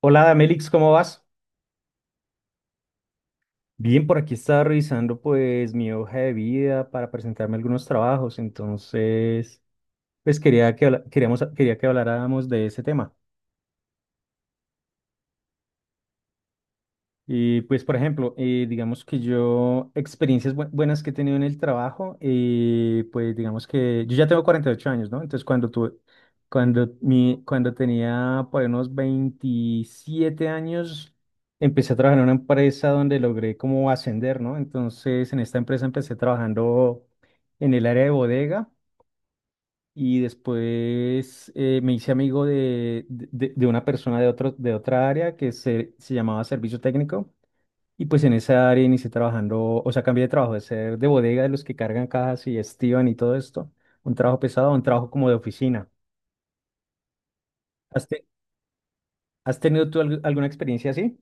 Hola, Damelix, ¿cómo vas? Bien, por aquí estaba revisando pues mi hoja de vida para presentarme algunos trabajos, entonces pues quería que habláramos de ese tema. Y pues, por ejemplo, digamos que yo, experiencias buenas que he tenido en el trabajo, pues digamos que yo ya tengo 48 años, ¿no? Entonces, cuando tuve, cuando, mi, cuando tenía por ahí unos 27 años, empecé a trabajar en una empresa donde logré como ascender, ¿no? Entonces, en esta empresa empecé trabajando en el área de bodega y después me hice amigo de una persona de otra área que se llamaba servicio técnico. Y pues en esa área inicié trabajando, o sea, cambié de trabajo de ser de bodega de los que cargan cajas y estiban y todo esto, un trabajo pesado, a un trabajo como de oficina. ¿Has, te- has tenido tú alguna experiencia así?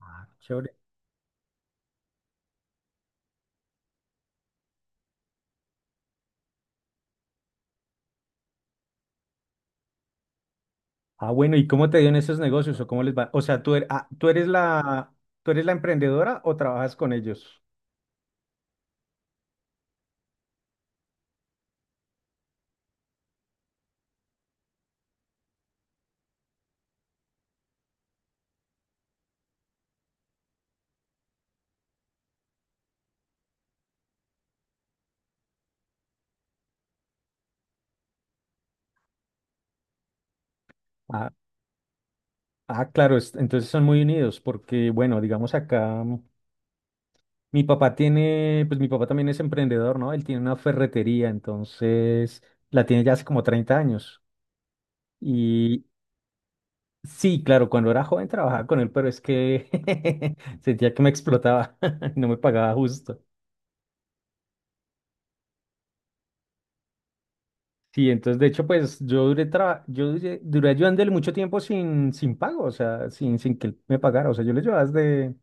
Ah, chévere. Ah, bueno, ¿y cómo te dio en esos negocios o cómo les va? O sea, tú eres la, tú eres la emprendedora o trabajas con ellos? Ah, ah, claro, entonces son muy unidos porque, bueno, digamos acá, mi papá tiene, pues mi papá también es emprendedor, ¿no? Él tiene una ferretería, entonces la tiene ya hace como 30 años. Y sí, claro, cuando era joven trabajaba con él, pero es que sentía que me explotaba, no me pagaba justo. Sí, entonces de hecho, pues yo duré, duré ayudándole mucho tiempo sin pago, o sea, sin que él me pagara. O sea, yo le ayudaba desde,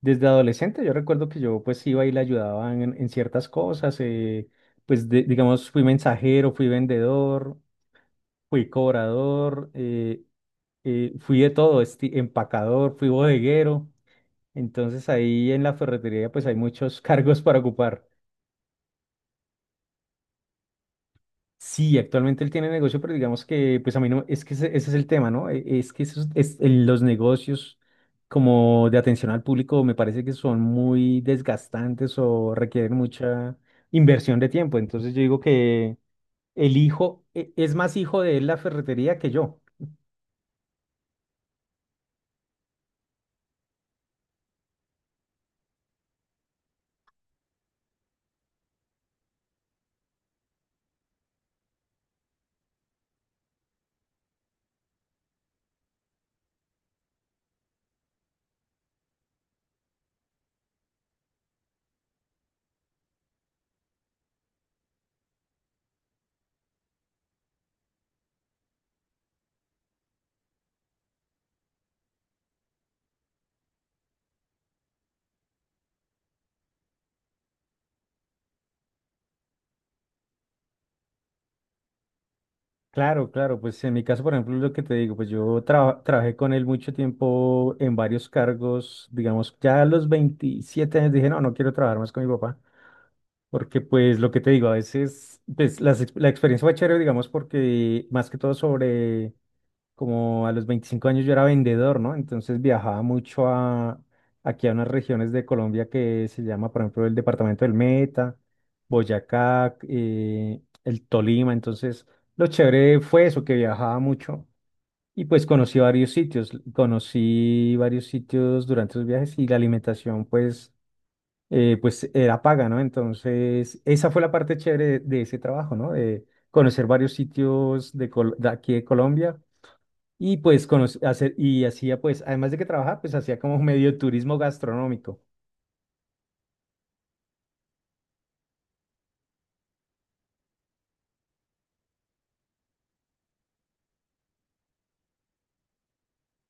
desde adolescente. Yo recuerdo que yo pues iba y le ayudaba en ciertas cosas. Pues digamos, fui mensajero, fui vendedor, fui cobrador, fui de todo, empacador, fui bodeguero. Entonces ahí en la ferretería pues hay muchos cargos para ocupar. Sí, actualmente él tiene negocio, pero digamos que pues a mí no, es que ese es el tema, ¿no? Es que los negocios como de atención al público me parece que son muy desgastantes o requieren mucha inversión de tiempo. Entonces yo digo que el hijo es más hijo de él la ferretería que yo. Claro, claro, pues en mi caso, por ejemplo, lo que te digo, pues yo trabajé con él mucho tiempo en varios cargos, digamos, ya a los 27 años dije, no, no quiero trabajar más con mi papá, porque pues lo que te digo, a veces, pues la experiencia fue chévere, digamos, porque más que todo sobre como a los 25 años yo era vendedor, ¿no? Entonces viajaba mucho a, aquí a unas regiones de Colombia que se llama, por ejemplo, el departamento del Meta, Boyacá, el Tolima. Entonces, lo chévere fue eso, que viajaba mucho y pues conocí varios sitios durante los viajes y la alimentación, pues pues era paga, ¿no? Entonces, esa fue la parte chévere de ese trabajo, ¿no? De conocer varios sitios de aquí de Colombia y pues conoc- hacer, y hacía pues, además de que trabajaba, pues hacía como medio turismo gastronómico.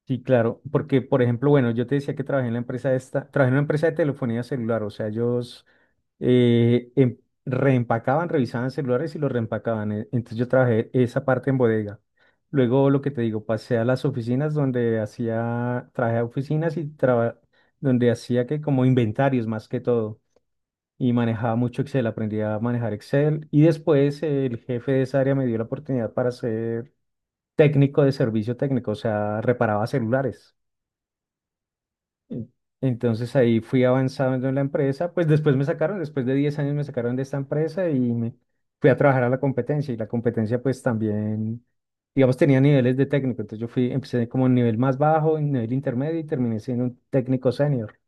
Sí, claro, porque por ejemplo, bueno, yo te decía que trabajé en la empresa esta, trabajé en una empresa de telefonía celular, o sea, ellos eh, em- reempacaban, revisaban celulares y los reempacaban. Entonces yo trabajé esa parte en bodega. Luego, lo que te digo, pasé a las oficinas trabajé a oficinas donde hacía que como inventarios más que todo. Y manejaba mucho Excel, aprendí a manejar Excel y después el jefe de esa área me dio la oportunidad para ser técnico de servicio técnico, o sea, reparaba celulares. En- Entonces ahí fui avanzando en la empresa, pues después me sacaron, después de 10 años me sacaron de esta empresa y me fui a trabajar a la competencia y la competencia pues también, digamos, tenía niveles de técnico, entonces yo fui, empecé como en nivel más bajo, en nivel intermedio y terminé siendo un técnico senior.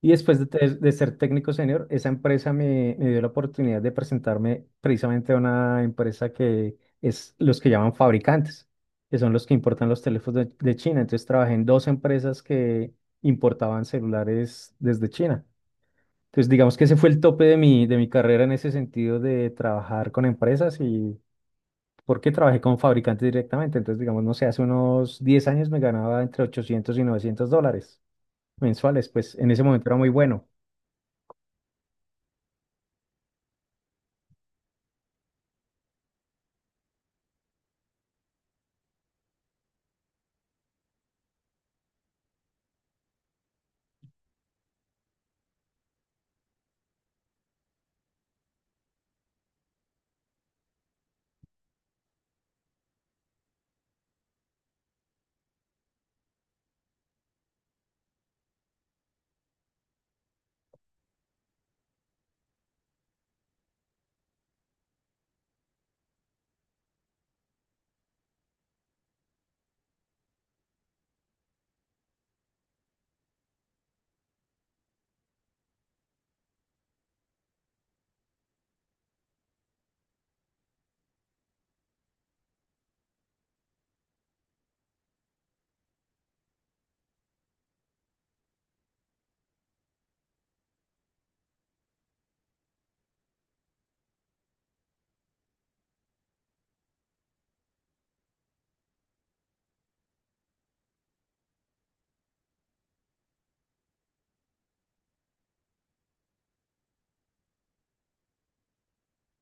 Y después de ser técnico senior, me dio la oportunidad de presentarme precisamente a una empresa que es los que llaman fabricantes, que son los que importan los teléfonos de China. Entonces trabajé en dos empresas que importaban celulares desde China. Entonces digamos que ese fue el tope de mi carrera en ese sentido de trabajar con empresas y porque trabajé con fabricantes directamente. Entonces digamos, no sé, hace unos 10 años me ganaba entre 800 y 900 dólares mensuales, pues en ese momento era muy bueno.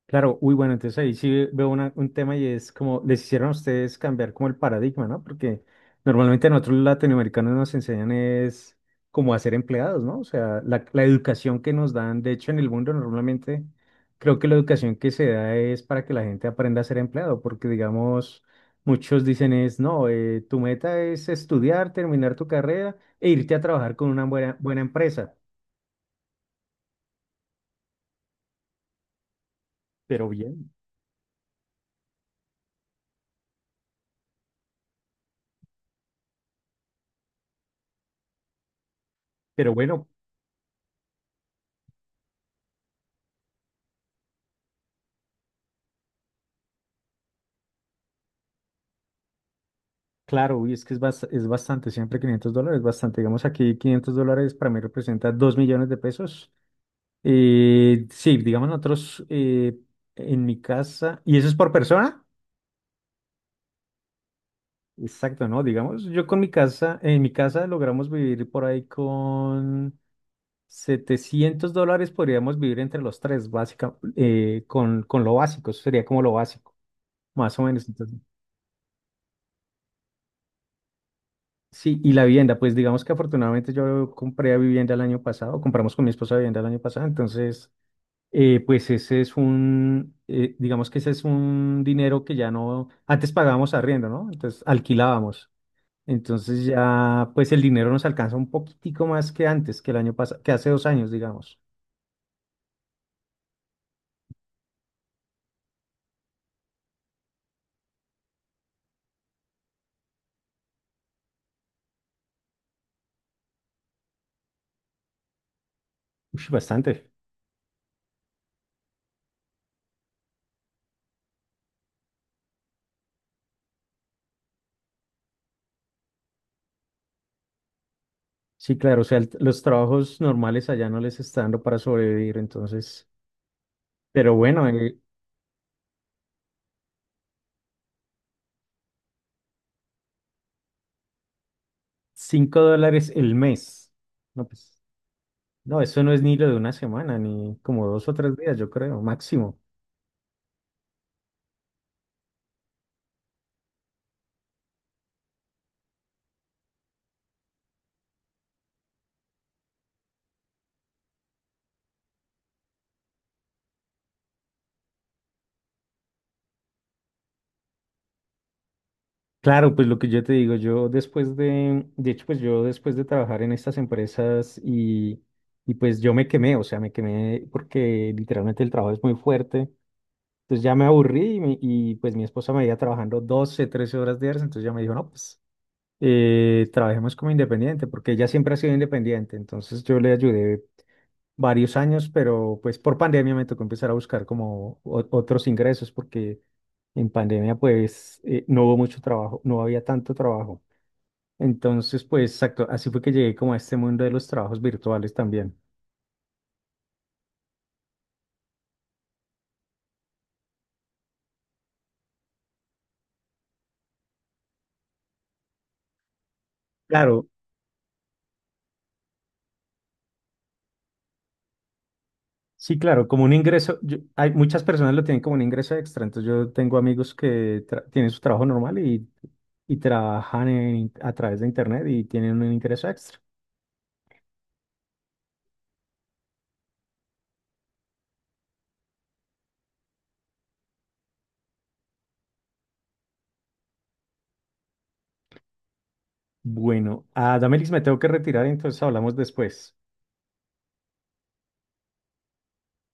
Claro, uy, bueno, entonces ahí sí veo un tema y es como les hicieron a ustedes cambiar como el paradigma, ¿no? Porque normalmente a nosotros los latinoamericanos nos enseñan es cómo hacer empleados, ¿no? O sea, la educación que nos dan, de hecho en el mundo normalmente creo que la educación que se da es para que la gente aprenda a ser empleado, porque digamos, muchos dicen es, no, tu meta es estudiar, terminar tu carrera e irte a trabajar con una buena empresa, pero bien, pero bueno. Claro, uy, es que es, es bastante, siempre 500 dólares, bastante. Digamos aquí 500 dólares para mí representa 2 millones de pesos. Sí, digamos nosotros en mi casa, ¿y eso es por persona? Exacto, ¿no? Digamos, yo con mi casa, en mi casa logramos vivir por ahí con 700 dólares, podríamos vivir entre los tres, básica, con lo básico, eso sería como lo básico, más o menos. Sí, y la vivienda, pues digamos que afortunadamente yo compré vivienda el año pasado, compramos con mi esposa vivienda el año pasado, entonces, pues ese es un, digamos que ese es un dinero que ya no, antes pagábamos arriendo, ¿no? Entonces alquilábamos, entonces ya, pues el dinero nos alcanza un poquitico más que antes, que el año pasado, que hace dos años, digamos. Ush, bastante. Sí, claro, o sea, los trabajos normales allá no les está dando para sobrevivir, entonces, pero bueno, cinco dólares el mes, ¿no? Pues. No, eso no es ni lo de una semana, ni como dos o tres días, yo creo, máximo. Claro, pues lo que yo te digo, yo después de hecho, pues yo después de trabajar en estas empresas y pues yo me quemé, o sea, me quemé porque literalmente el trabajo es muy fuerte. Entonces ya me aburrí y pues mi esposa me iba trabajando 12, 13 horas diarias, entonces ya me dijo, no, pues trabajemos como independiente, porque ella siempre ha sido independiente, entonces yo le ayudé varios años, pero pues por pandemia me tocó empezar a buscar como otros ingresos porque en pandemia pues no hubo mucho trabajo, no había tanto trabajo. Entonces pues exacto, así fue que llegué como a este mundo de los trabajos virtuales también. Claro, sí, claro, como un ingreso, hay muchas personas lo tienen como un ingreso extra, entonces yo tengo amigos que tienen su trabajo normal y trabajan a través de internet y tienen un ingreso extra. Bueno, a Damelix me tengo que retirar, entonces hablamos después.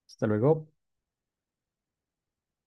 Hasta luego.